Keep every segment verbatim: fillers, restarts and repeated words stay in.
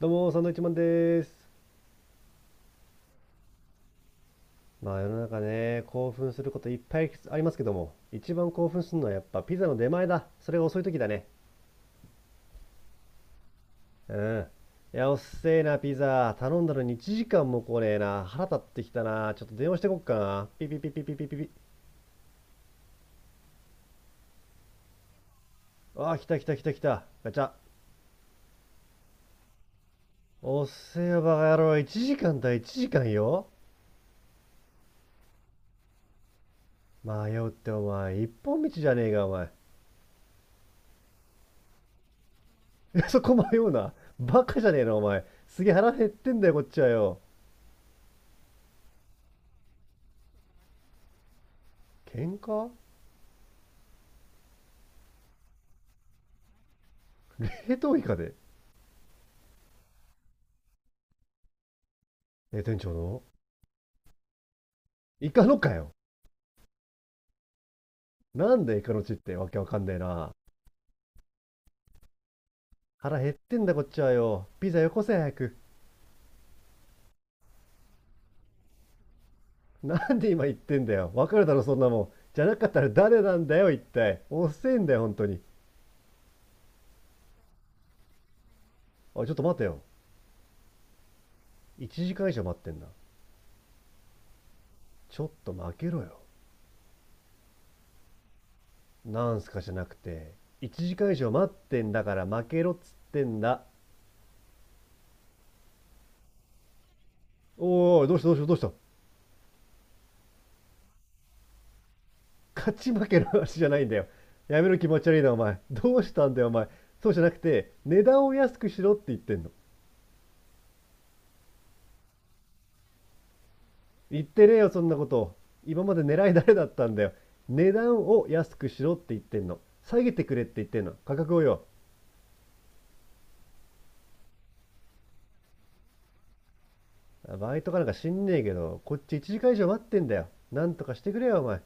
どうも、サンドイッチマンです。まあ世の中ね、興奮することいっぱいありますけども、一番興奮するのはやっぱピザの出前だ。それが遅い時だね。うん。いや、おっせえな、ピザ。頼んだのにいちじかんも来ねえな。腹立ってきたな。ちょっと電話してこっかな。ピピピピピピピピ。ああ、来た来た来た来た。ガチャ。おっせえよ、バカ野郎。いちじかんだ、いちじかんよ。迷うってお前、一本道じゃねえか、お前。そこ迷うな。バカじゃねえの、お前。すげえ腹減ってんだよ、こっちはよ。喧嘩冷凍イカで、え店長のイカのかよ、なんでイカの血ってわけわかんねえな。腹減ってんだこっちはよ、ピザよこせ早く。なんで今言ってんだよ、わかるだろそんなもん。じゃなかったら誰なんだよ一体、遅えんだよ本当に。あ、ちょっと待てよ。一時間以上待ってんな。ちょっと負けろよ。なんすかじゃなくて、一時間以上待ってんだから負けろっつってんだ。おいおい、どうしたどうしたどうした。勝ち負けの話じゃないんだよ。やめろ気持ち悪いな、お前。どうしたんだよ、お前。そうじゃなくて、値段を安くしろって言ってんの。言ってねえよ、そんなこと。今まで狙い誰だったんだよ。値段を安くしろって言ってんの。下げてくれって言ってんの。価格をよ。バイトかなんか知んねえけど、こっち一時間以上待ってんだよ。なんとかしてくれよ、お前。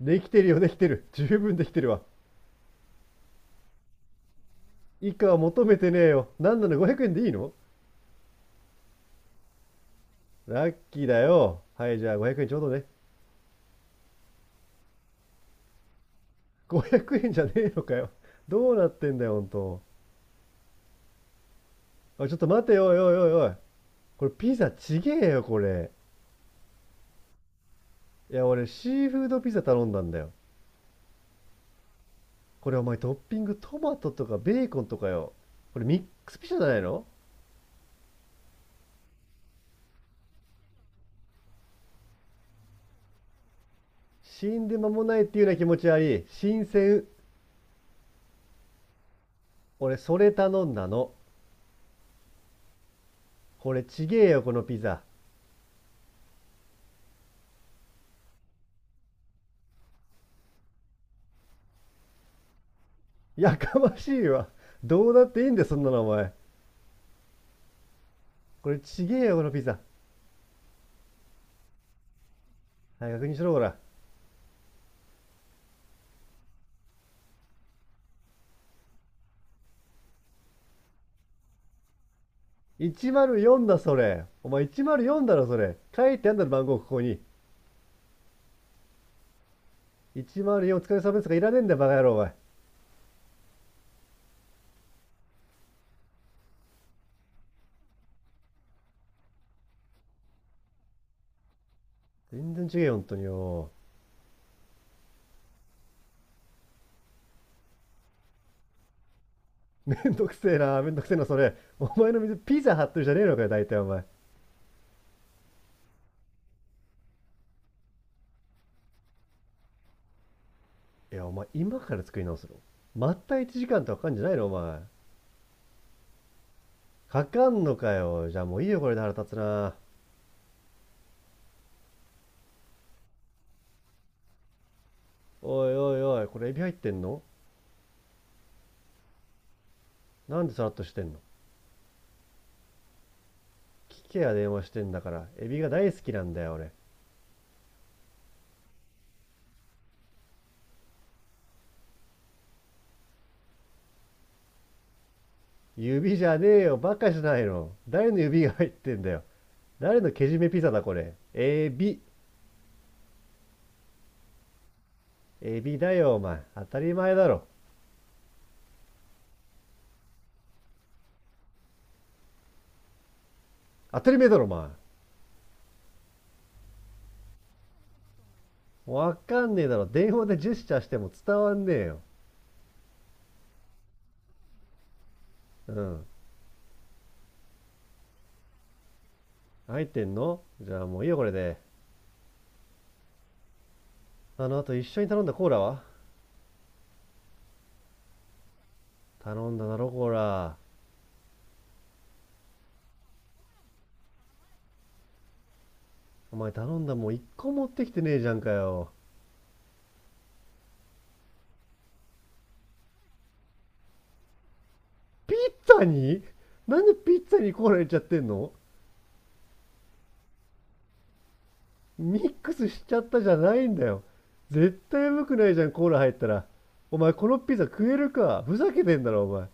できてるよ、できてる。十分できてるわ。以下は求めてねえよ。なんなの、ごひゃくえんでいいの？ラッキーだよ。はい、じゃあごひゃくえんちょうどね。ごひゃくえんじゃねえのかよ。どうなってんだよ、ほんと。あ、ちょっと待てよ、おいおいおいおい。これピザちげえよ、これ。いや、俺シーフードピザ頼んだんだよ。これお前トッピングトマトとかベーコンとかよ。これミックスピザじゃないの？死んで間もないっていうような気持ちあり、新鮮。俺それ頼んだの。これちげえよ、このピザ。やかましいわ。どうだっていいんだよ、そんなのお前。これちげえよ、このピザ。はい、確認しろ、ほら。いちまるよんだ、それ。お前いちまるよんだろ、それ。書いてあんだろ、番号、ここに。いちまるよんお疲れ様ですがかいらねえんだよ、バカ野郎、お前。全然違えよ、ほんとによ。めんどくせえな、めんどくせえな、それ。お前の水、ピザ貼ってるじゃねえのかよ、大体、お前。いや、お前、今から作り直すの？まったいちじかんとかかかんじゃないの、お前。かかんのかよ。じゃあもういいよ、これで腹立つな。おいおいおい、これエビ入ってんの？なんでさらっとしてんの？聞けや、電話してんだから。エビが大好きなんだよ、俺。指じゃねえよ、バカじゃないの。誰の指が入ってんだよ。誰のけじめピザだ、これ。エビ。エビだよ、お前。当たり前だろ。当たり前だろ、お前。わかんねえだろ。電話でジェスチャーしても伝わんねえよ。うん。入ってんの？じゃあもういいよ、これで。あの、あと一緒に頼んだコーラは？頼んだだろ、コーラ。お前頼んだもう一個持ってきてねえじゃんかよ。ピッツァに？なんでピッツァにコーラ入れちゃってんの？ミックスしちゃったじゃないんだよ。絶対うまくないじゃんコーラ入ったら。お前このピザ食えるか、ふざけてんだろお前。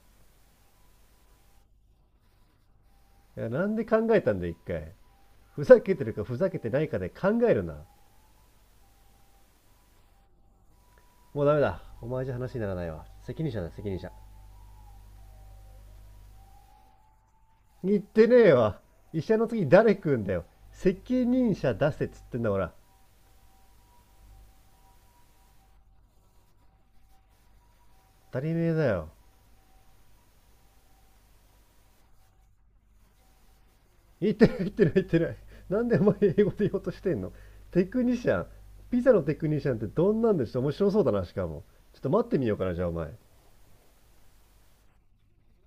いや、なんで考えたんだよ一回。ふざけてるかふざけてないかで考えるな。もうダメだ、お前じゃ話にならないわ。責任者だ責任者。言ってねえわ。医者の次誰食うんだよ。責任者出せっつってんだから。当たり前だよ。言ってない言ってない言ってない。なんでお前英語で言おうとしてんの。テクニシャン。ピザのテクニシャンってどんなんでしょう、面白そうだなしかも。ちょっと待ってみようかなじゃあお前。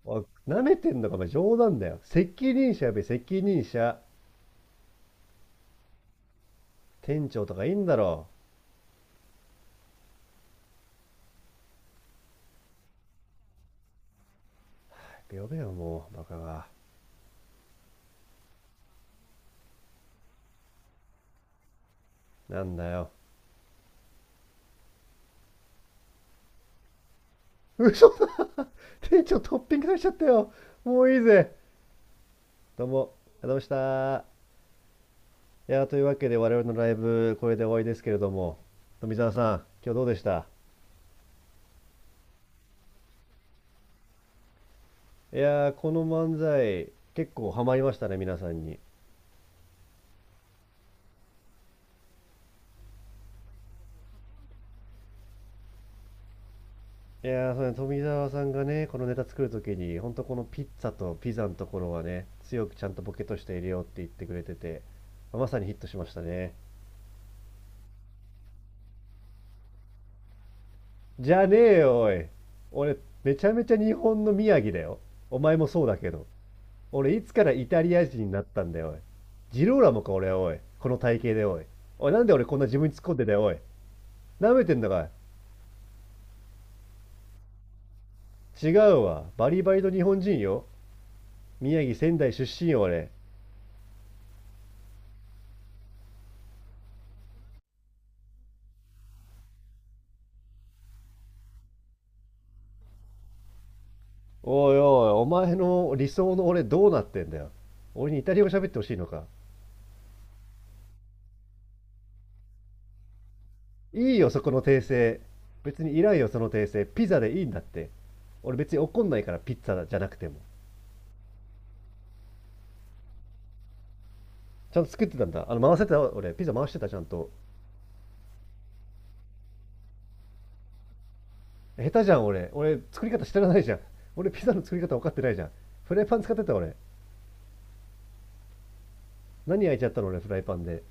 おい、舐めてんのかお前。冗談だよ。責任者、やべ責任者。店長とかいいんだろ？早く呼べよもう、バカが。なんだよ。嘘だ。店長トッピングされちゃったよ。もういいぜ。どうも、ありがとうございました。いやー、というわけで我々のライブこれで終わりですけれども、富澤さん今日どうでした？いやー、この漫才、結構ハマりましたね、皆さんに。いやー、そうね、富澤さんがね、このネタ作るときに、ほんとこのピッツァとピザのところはね、強くちゃんとボケとして入れようって言ってくれてて、まさにヒットしましたね。じゃねえよ、おい。俺、めちゃめちゃ日本の宮城だよ。お前もそうだけど。俺、いつからイタリア人になったんだよ、おい。ジローラモか、俺、おい。この体型で、おい。おい、なんで俺こんな自分に突っ込んでんだよ、おい。舐めてんだかい。違うわ。バリバリの日本人よ。宮城仙台出身よ俺。おいおい、お前の理想の俺どうなってんだよ。俺にイタリア語喋ってほしいのか。いいよそこの訂正。別にいらんよその訂正、ピザでいいんだって。俺別に怒んないからピッツァじゃなくても。ちゃんと作ってたんだ、あの回せてた？俺ピザ回してたちゃんと？下手じゃん俺俺作り方知らないじゃん。俺ピザの作り方分かってないじゃん。フライパン使ってた俺。何焼いちゃったの俺フライパンで。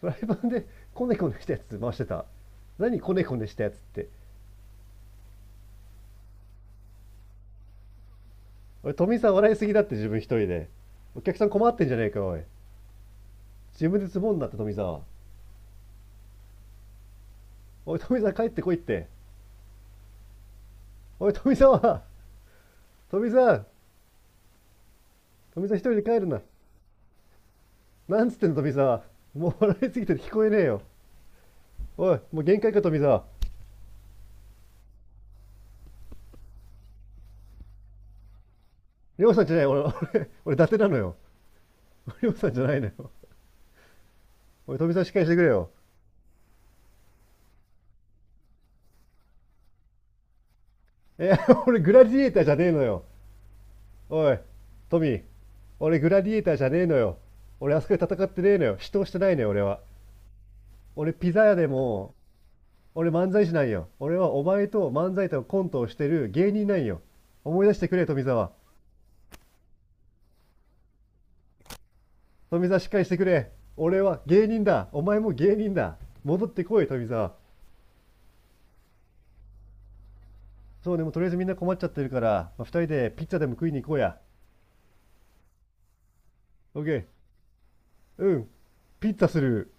フライパンでコネコネしたやつ回してた？何コネコネしたやつって。おい、富澤笑いすぎだって自分一人で。お客さん困ってんじゃねえか、おい。自分でツボになって、富澤。おい、富澤帰ってこいって。おい、富澤。富澤。富澤一人で帰るな。なんつってんの、富澤。もう笑いすぎて聞こえねえよ。おい、もう限界か、富澤。りょうさんじゃない、俺、俺、俺伊達なのよ。りょうさんじゃないのよ。おい、富澤しっかりしてくれよ。え、俺グラディエーターじゃねえのよ。おい、富。俺グラディエーターじゃねえのよ。俺あそこで戦ってねえのよ。死闘してないのよ、俺は。俺ピザ屋でも、俺漫才師なんよ。俺はお前と漫才とコントをしてる芸人なんよ。思い出してくれ、富澤。富澤しっかりしてくれ。俺は芸人だ。お前も芸人だ。戻ってこい、富澤。そうね、もうとりあえずみんな困っちゃってるから、まあ、人でピッツァでも食いに行こうや。オッケー。うん。ピッツァする。